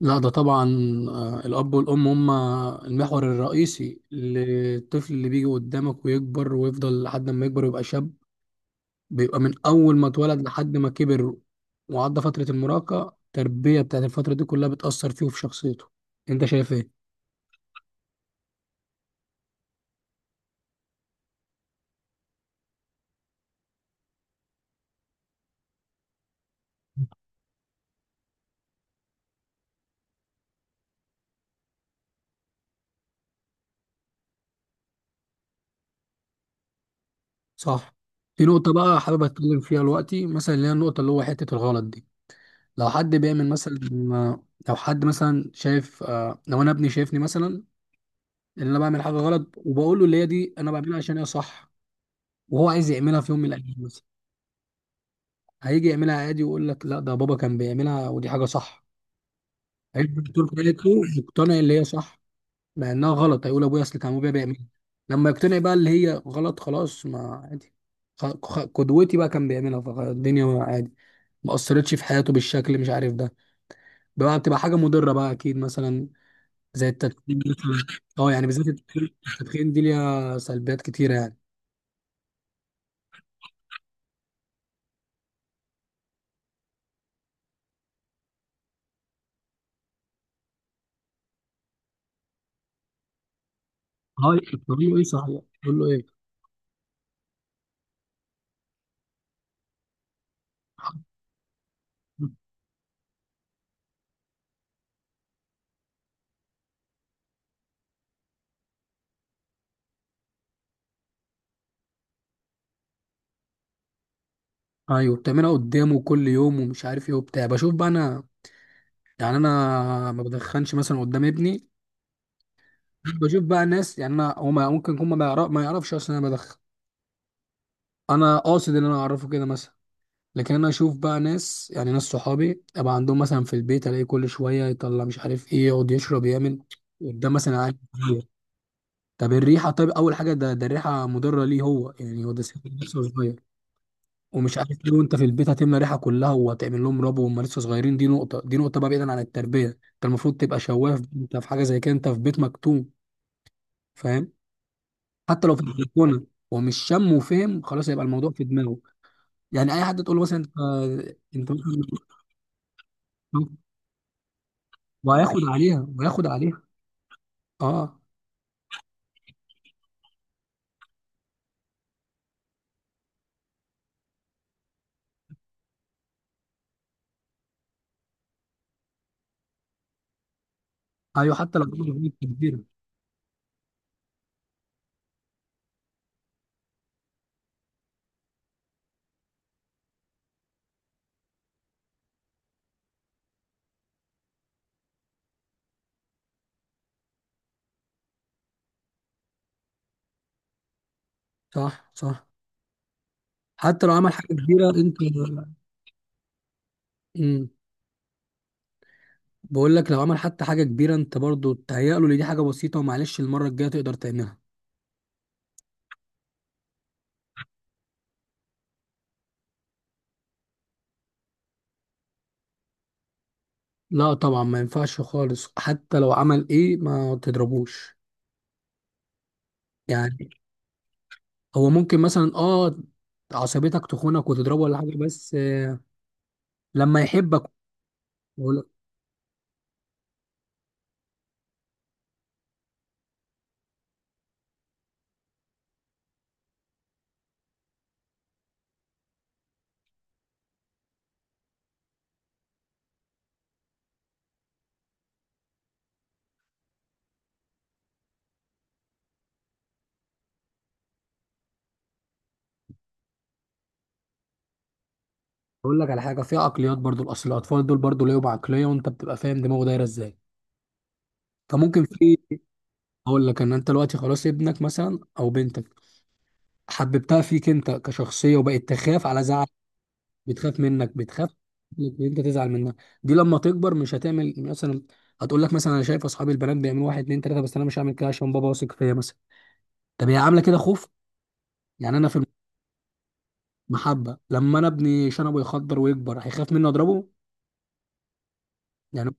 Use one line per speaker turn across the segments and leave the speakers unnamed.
لا، ده طبعا. الأب والأم هم المحور الرئيسي للطفل اللي بيجي قدامك ويكبر ويفضل لحد ما يكبر ويبقى شاب. بيبقى من أول ما اتولد لحد ما كبر وعدى فترة المراهقة. التربية بتاعت الفترة دي كلها بتأثر فيه وفي شخصيته. أنت شايف إيه؟ صح. في نقطة بقى حابب أتكلم فيها دلوقتي، مثلا اللي هي النقطة اللي هو حتة الغلط دي. لو حد بيعمل مثلا، لو حد مثلا شايف لو أنا ابني شايفني مثلا إن أنا بعمل حاجة غلط وبقول له اللي هي دي أنا بعملها عشان هي صح، وهو عايز يعملها في يوم من الايام مثلا. هيجي يعملها عادي ويقول لك لا، ده بابا كان بيعملها ودي حاجه صح. هيجي الدكتور قالته يقتنع اللي هي صح لانها غلط، هيقول ابويا اصل كان ابويا بيعملها. لما يقتنع بقى اللي هي غلط خلاص ما عادي، قدوتي بقى كان بيعملها فالدنيا عادي. ما اثرتش في حياته بالشكل، مش عارف ده بقى بتبقى حاجه مضره بقى، اكيد مثلا زي التدخين مثلا. اه، يعني بالذات التدخين، التدخين دي ليها سلبيات كتيره يعني. هاي بتقول له ايه؟ صحيح بتقول له ايه؟ ايوه، بتعملها قدامه كل يوم ومش عارف ايه وبتاع. بشوف بقى انا، يعني انا ما بدخنش مثلا قدام ابني. بشوف بقى ناس، يعني انا هو ممكن يكون ما يعرفش اصلا انا بدخن. انا قاصد ان انا اعرفه كده مثلا. لكن انا اشوف بقى ناس، يعني ناس صحابي ابقى عندهم مثلا في البيت الاقي كل شويه يطلع مش عارف ايه يقعد يشرب يعمل قدام مثلا عيال كتير. طب الريحه، طيب اول حاجه ده الريحه مضره ليه؟ هو يعني هو ده سن لسه صغير ومش عارف ليه، وانت في البيت هتملى ريحه كلها وهتعمل لهم ربو وهم لسه صغيرين. دي نقطه، دي نقطه بقى بعيدا عن التربيه. انت المفروض تبقى شواف. انت في حاجه زي كده، انت في بيت مكتوم، فاهم؟ حتى لو في البلكونه. ومش شم وفهم خلاص هيبقى الموضوع في دماغه. يعني اي حد تقول له مثلا انت، انت مثلا- وهياخد عليها وهياخد عليها. اه. ايوه، حتى لو عمل حاجه كبيره. صح صح، حتى لو عمل حاجه كبيره انت امم بقول لك لو عمل حتى حاجه كبيره انت برضو تهيأ له ان دي حاجه بسيطه ومعلش المره الجايه تقدر تعملها. لا طبعا ما ينفعش خالص حتى لو عمل ايه ما تضربوش يعني. هو ممكن مثلا عصبيتك تخونك وتضربه ولا حاجه، بس لما يحبك. اقول أقول لك على حاجه. في عقليات برضو، الاصل الاطفال دول برضو ليهم عقليه، وانت بتبقى فاهم دماغه دايره ازاي. فممكن في اقول لك ان انت دلوقتي خلاص ابنك مثلا او بنتك حببتها فيك انت كشخصيه وبقت تخاف على زعل. بتخاف منك، بتخاف إنك انت تزعل منها. دي لما تكبر مش هتعمل مثلا، هتقول لك مثلا انا شايف اصحابي البنات بيعملوا واحد اتنين تلاته بس انا مش هعمل كده عشان بابا واثق فيا مثلا. طب هي عامله كده خوف؟ يعني انا في المحبه. لما انا ابني شنبه يخضر ويكبر هيخاف مني اضربه؟ يعني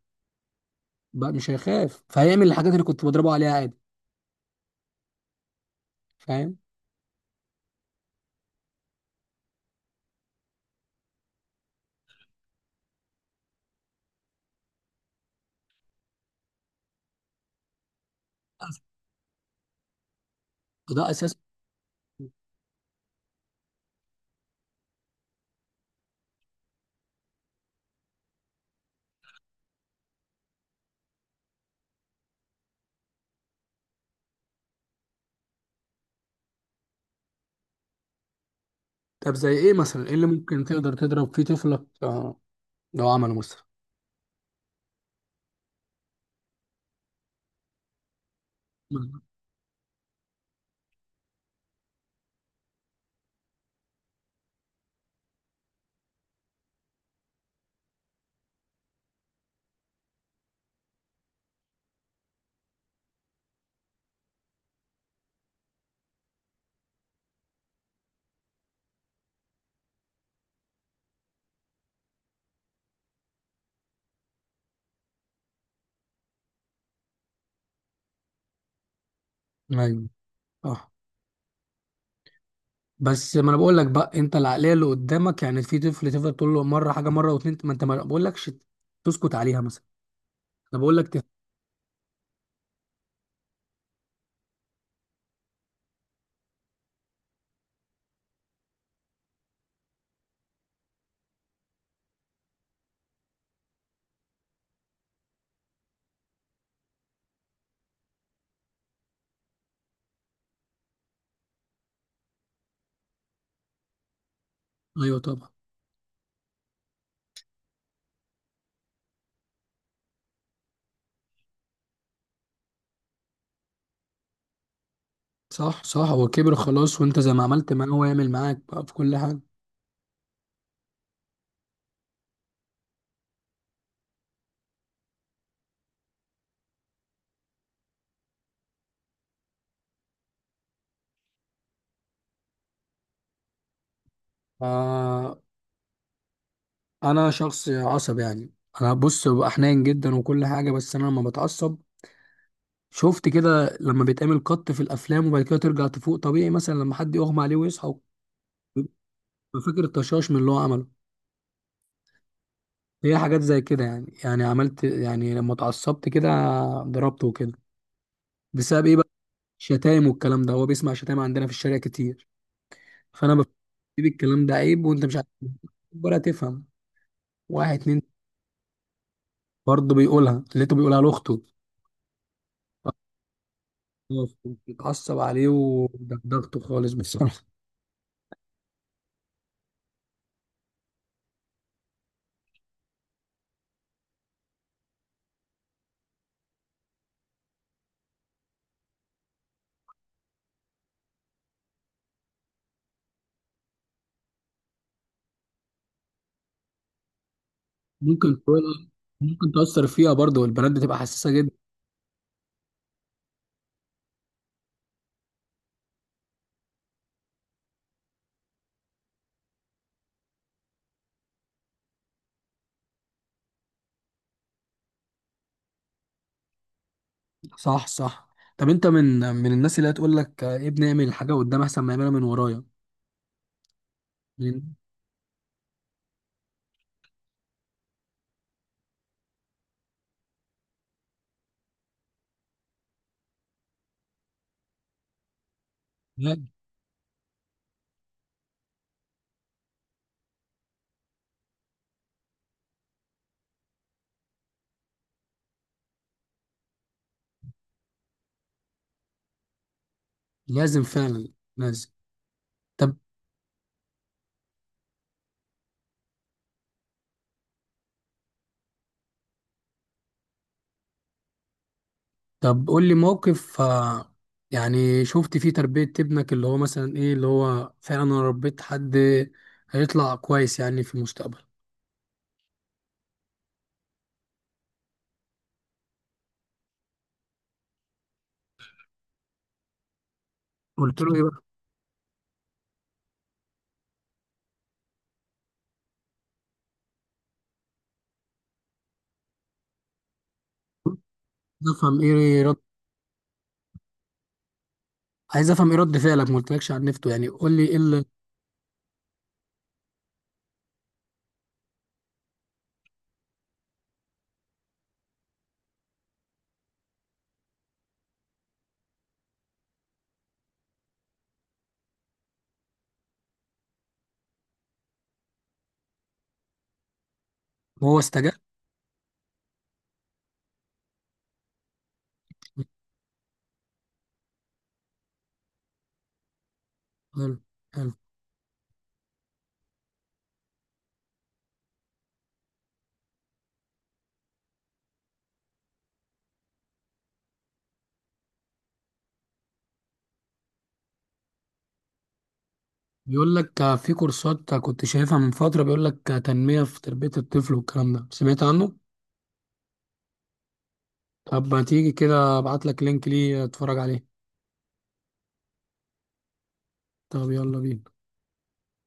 بقى مش هيخاف، فهيعمل الحاجات اللي كنت بضربه عليها عادي، فاهم؟ ده اساس. طب زي ايه مثلا، ايه اللي ممكن تقدر تضرب فيه طفلك؟ لو عمله مثلا. ايوه صح. بس ما انا بقول لك بقى انت العقليه اللي قدامك، يعني في طفل تفضل تقول له مره حاجه مره واتنين، ما انت ما بقول لكش تسكت عليها مثلا. انا بقول لك ايوه طبعا. صح صح، هو كبر خلاص وانت زي ما عملت معاه هو يعمل معاك بقى في كل حاجه. آه، انا شخص عصب يعني. انا بص ببقى حنين جدا وكل حاجه، بس انا لما بتعصب شفت كده لما بيتعمل قط في الافلام وبعد كده ترجع تفوق طبيعي مثلا لما حد يغمى عليه ويصحى. فاكر الطشاش من اللي هو عمله. هي حاجات زي كده عملت يعني، لما اتعصبت كده ضربته وكده. بسبب ايه بقى؟ شتايم والكلام ده. هو بيسمع شتايم عندنا في الشارع كتير، فانا بفكر الكلام ده عيب وانت مش عارف ولا تفهم. واحد اتنين برضه بيقولها، لقيته بيقولها لاخته. خلاص اتعصب عليه ودغدغته خالص بصراحه. ممكن تقول- ممكن تأثر فيها برضه والبنات بتبقى حساسة جدا. صح صح. طب انت من الناس اللي هتقول لك ابني اعمل الحاجة قدام احسن ما يعملها من ورايا؟ من- لازم فعلا، لازم. طب طب قول لي موقف يعني شفت فيه تربية ابنك اللي هو مثلا ايه اللي هو فعلا انا ربيت حد هيطلع كويس يعني في المستقبل. قلت له ايه بقى؟ عايز افهم ايه رد عايز افهم ايه رد فعلك ما قلتلكش عن نفته، يعني قول لي ايه اللي هو استجاب. حلو حلو. بيقول لك في كورسات كنت شايفها من فترة، بيقول لك تنمية في تربية الطفل والكلام ده سمعت عنه. طب ما تيجي كده ابعت لك لينك ليه اتفرج عليه. طب يلا بينا.